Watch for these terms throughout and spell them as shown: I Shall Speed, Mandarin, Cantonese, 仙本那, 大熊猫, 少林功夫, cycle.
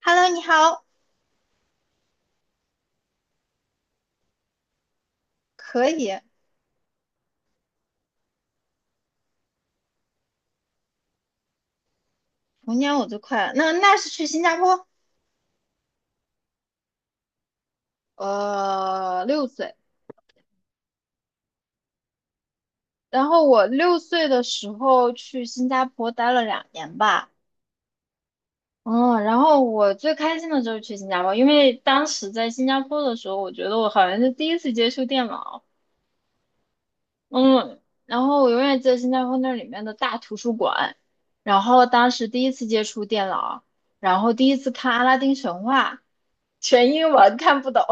Hello，你好，可以，童年我最快了。那是去新加坡，六岁。然后我6岁的时候去新加坡待了2年吧，嗯，然后我最开心的就是去新加坡，因为当时在新加坡的时候，我觉得我好像是第一次接触电脑，嗯，然后我永远记得新加坡那里面的大图书馆，然后当时第一次接触电脑，然后第一次看《阿拉丁神话》，全英文看不懂。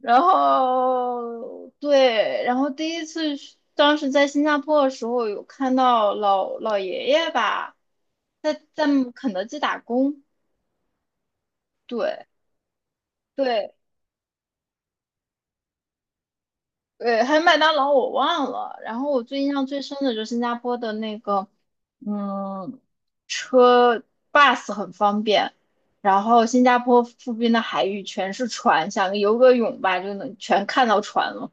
然后对，然后第一次去当时在新加坡的时候，有看到老老爷爷吧，在肯德基打工，对对对，还有麦当劳我忘了。然后我最印象最深的就是新加坡的那个，嗯，车 bus 很方便，然后新加坡附近的海域全是船，想游个泳吧就能全看到船了。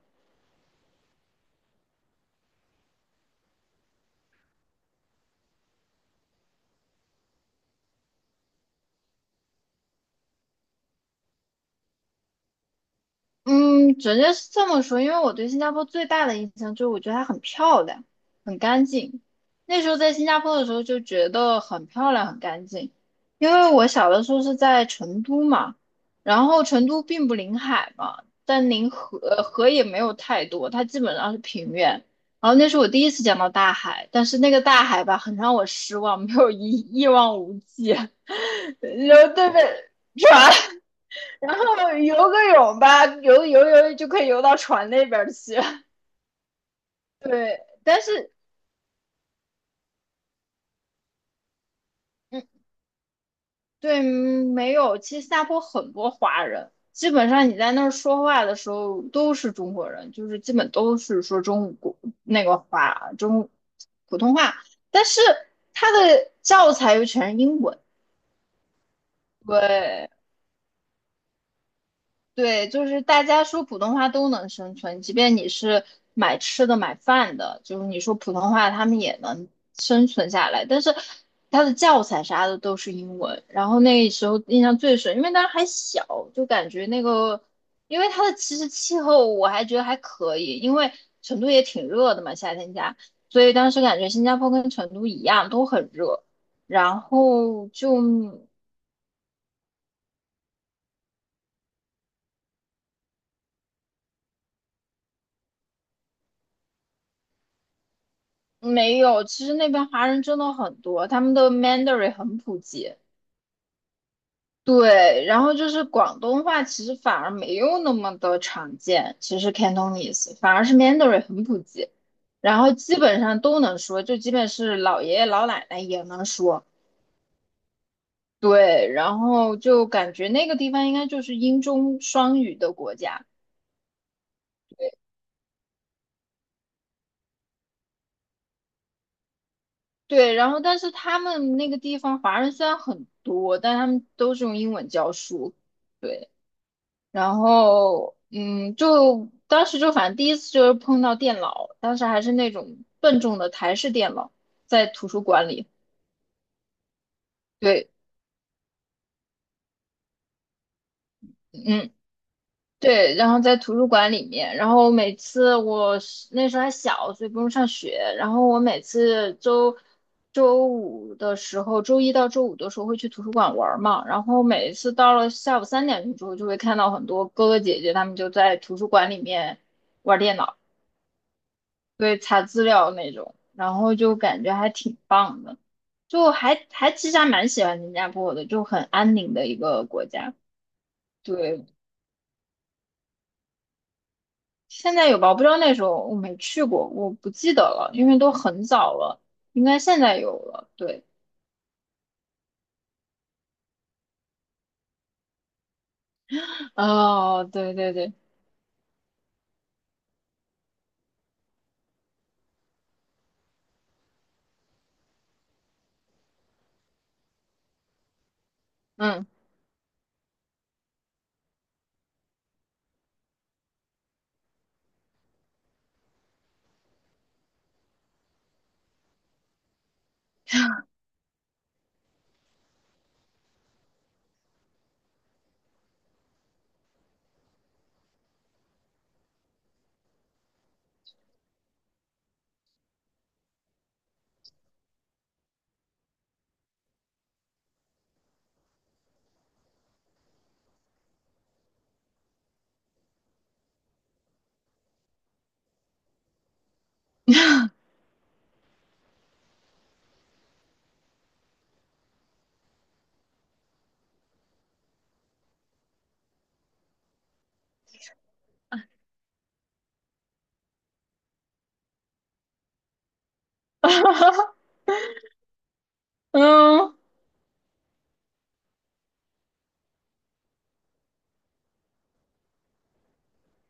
嗯，直接是这么说，因为我对新加坡最大的印象就是，我觉得它很漂亮，很干净。那时候在新加坡的时候就觉得很漂亮，很干净。因为我小的时候是在成都嘛，然后成都并不临海嘛，但临河河也没有太多，它基本上是平原。然后那是我第一次见到大海，但是那个大海吧，很让我失望，没有一望无际，然后对面是吧 然后游个泳吧，游游游就可以游到船那边去。对，但是嗯，对，没有。其实新加坡很多华人，基本上你在那儿说话的时候都是中国人，就是基本都是说中国那个华中普通话，但是他的教材又全是英文。对。对，就是大家说普通话都能生存，即便你是买吃的、买饭的，就是你说普通话，他们也能生存下来。但是他的教材啥的都是英文，然后那时候印象最深，因为当时还小，就感觉那个，因为它的其实气候我还觉得还可以，因为成都也挺热的嘛，夏天家，所以当时感觉新加坡跟成都一样都很热，然后就。没有，其实那边华人真的很多，他们的 Mandarin 很普及。对，然后就是广东话，其实反而没有那么的常见。其实 Cantonese 反而是 Mandarin 很普及，然后基本上都能说，就基本是老爷爷老奶奶也能说。对，然后就感觉那个地方应该就是英中双语的国家。对，然后但是他们那个地方华人虽然很多，但他们都是用英文教书。对。然后，嗯，就当时就反正第一次就是碰到电脑，当时还是那种笨重的台式电脑，在图书馆里。对，嗯，对，然后在图书馆里面，然后每次我是那时候还小，所以不用上学，然后我每次周一到周五的时候会去图书馆玩儿嘛，然后每次到了下午3点钟之后，就会看到很多哥哥姐姐他们就在图书馆里面玩电脑。对，查资料那种，然后就感觉还挺棒的，就还其实还蛮喜欢新加坡的，就很安宁的一个国家。对，现在有吧？我不知道那时候我没去过，我不记得了，因为都很早了，应该现在有了。对，哦，对对对，嗯 嗯，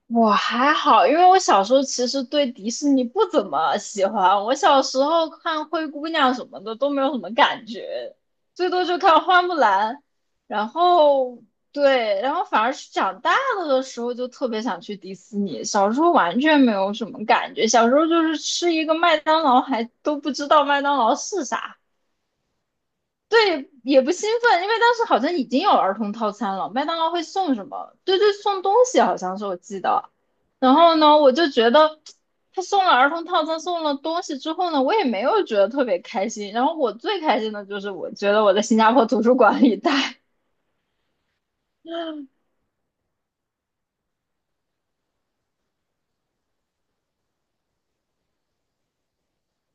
我还好，因为我小时候其实对迪士尼不怎么喜欢，我小时候看灰姑娘什么的都没有什么感觉，最多就看花木兰，然后对，然后反而是长大了的时候就特别想去迪士尼，小时候完全没有什么感觉，小时候就是吃一个麦当劳还都不知道麦当劳是啥。对，也不兴奋，因为当时好像已经有儿童套餐了，麦当劳会送什么？对对，送东西好像是我记得。然后呢，我就觉得他送了儿童套餐，送了东西之后呢，我也没有觉得特别开心。然后我最开心的就是我觉得我在新加坡图书馆里待。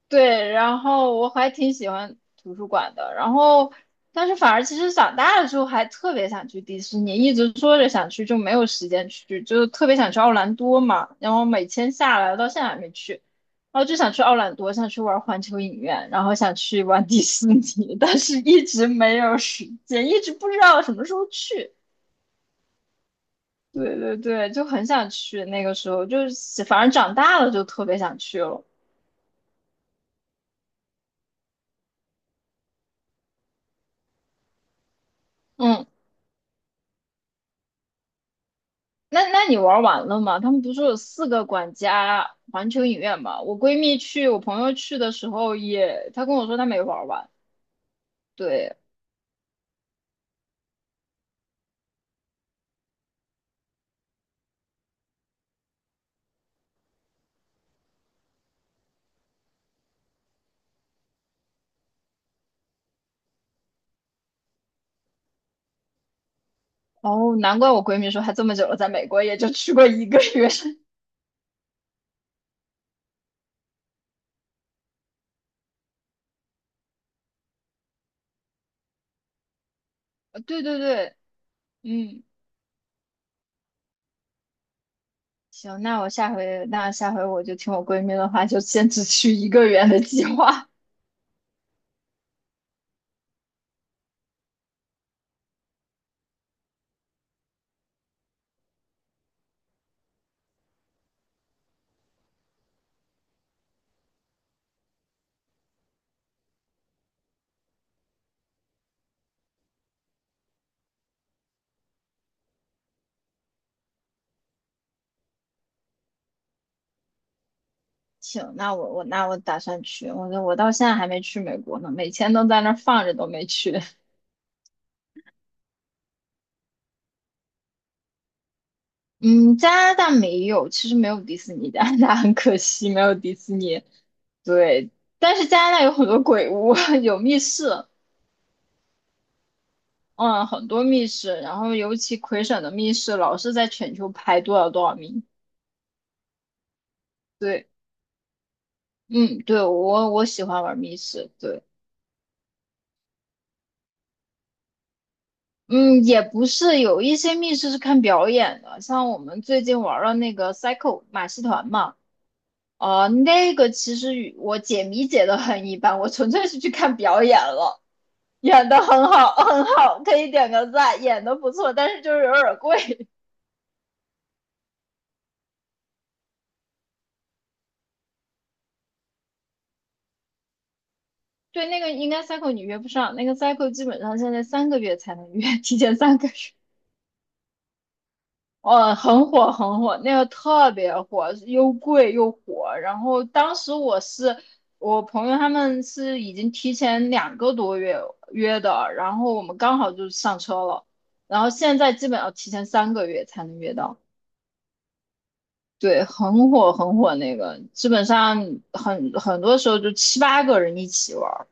对，然后我还挺喜欢图书馆的，然后但是反而其实长大了之后还特别想去迪士尼，一直说着想去，就没有时间去，就是特别想去奥兰多嘛，然后每天下来了到现在还没去，然后就想去奥兰多，想去玩环球影院，然后想去玩迪士尼，但是一直没有时间，一直不知道什么时候去。对对对，就很想去，那个时候就是反正长大了就特别想去了。嗯那你玩完了吗？他们不是有四个管家环球影院吗？我闺蜜去，我朋友去的时候也，她跟我说她没玩完。对，哦，难怪我闺蜜说她这么久了，在美国也就去过一个月。呃对对对，嗯，行，那我下回那下回我就听我闺蜜的话，就先只去一个月的计划。行，那我我那我打算去，我我到现在还没去美国呢，每天都在那儿放着都没去。嗯，加拿大没有，其实没有迪士尼，加拿大很可惜没有迪士尼。对，但是加拿大有很多鬼屋，有密室，嗯，很多密室，然后尤其魁省的密室老是在全球排多少多少名。对，嗯，对，我喜欢玩密室，对，嗯，也不是，有一些密室是看表演的，像我们最近玩了那个 cycle 马戏团嘛。那个其实与我解谜解的很一般，我纯粹是去看表演了。演的很好，很好，可以点个赞，演的不错，但是就是有点贵。对，那个应该 cycle 你约不上，那个 cycle 基本上现在3个月才能约，提前三个月。哦，很火很火，那个特别火，又贵又火。然后当时我是我朋友他们是已经提前2个多月约的，然后我们刚好就上车了。然后现在基本要提前三个月才能约到。对，很火很火那个，基本上很多时候就7、8个人一起玩儿。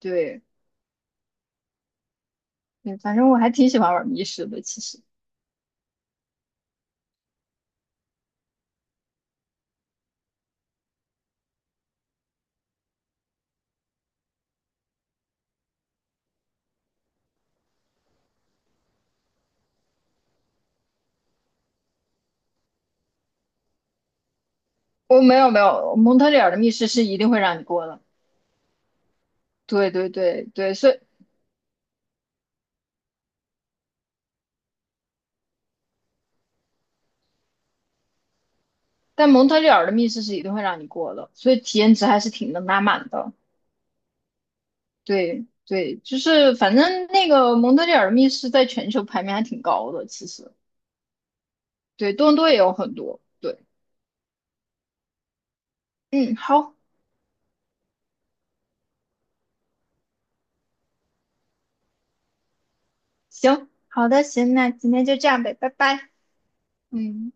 对，嗯，反正我还挺喜欢玩密室的。其实我没有，蒙特利尔的密室是一定会让你过的。对对对对，所以但蒙特利尔的密室是一定会让你过的，所以体验值还是挺能拉满的。对对，就是反正那个蒙特利尔的密室在全球排名还挺高的，其实对多伦多也有很多。对，嗯，好，行，好的，行，那今天就这样呗，拜拜。嗯。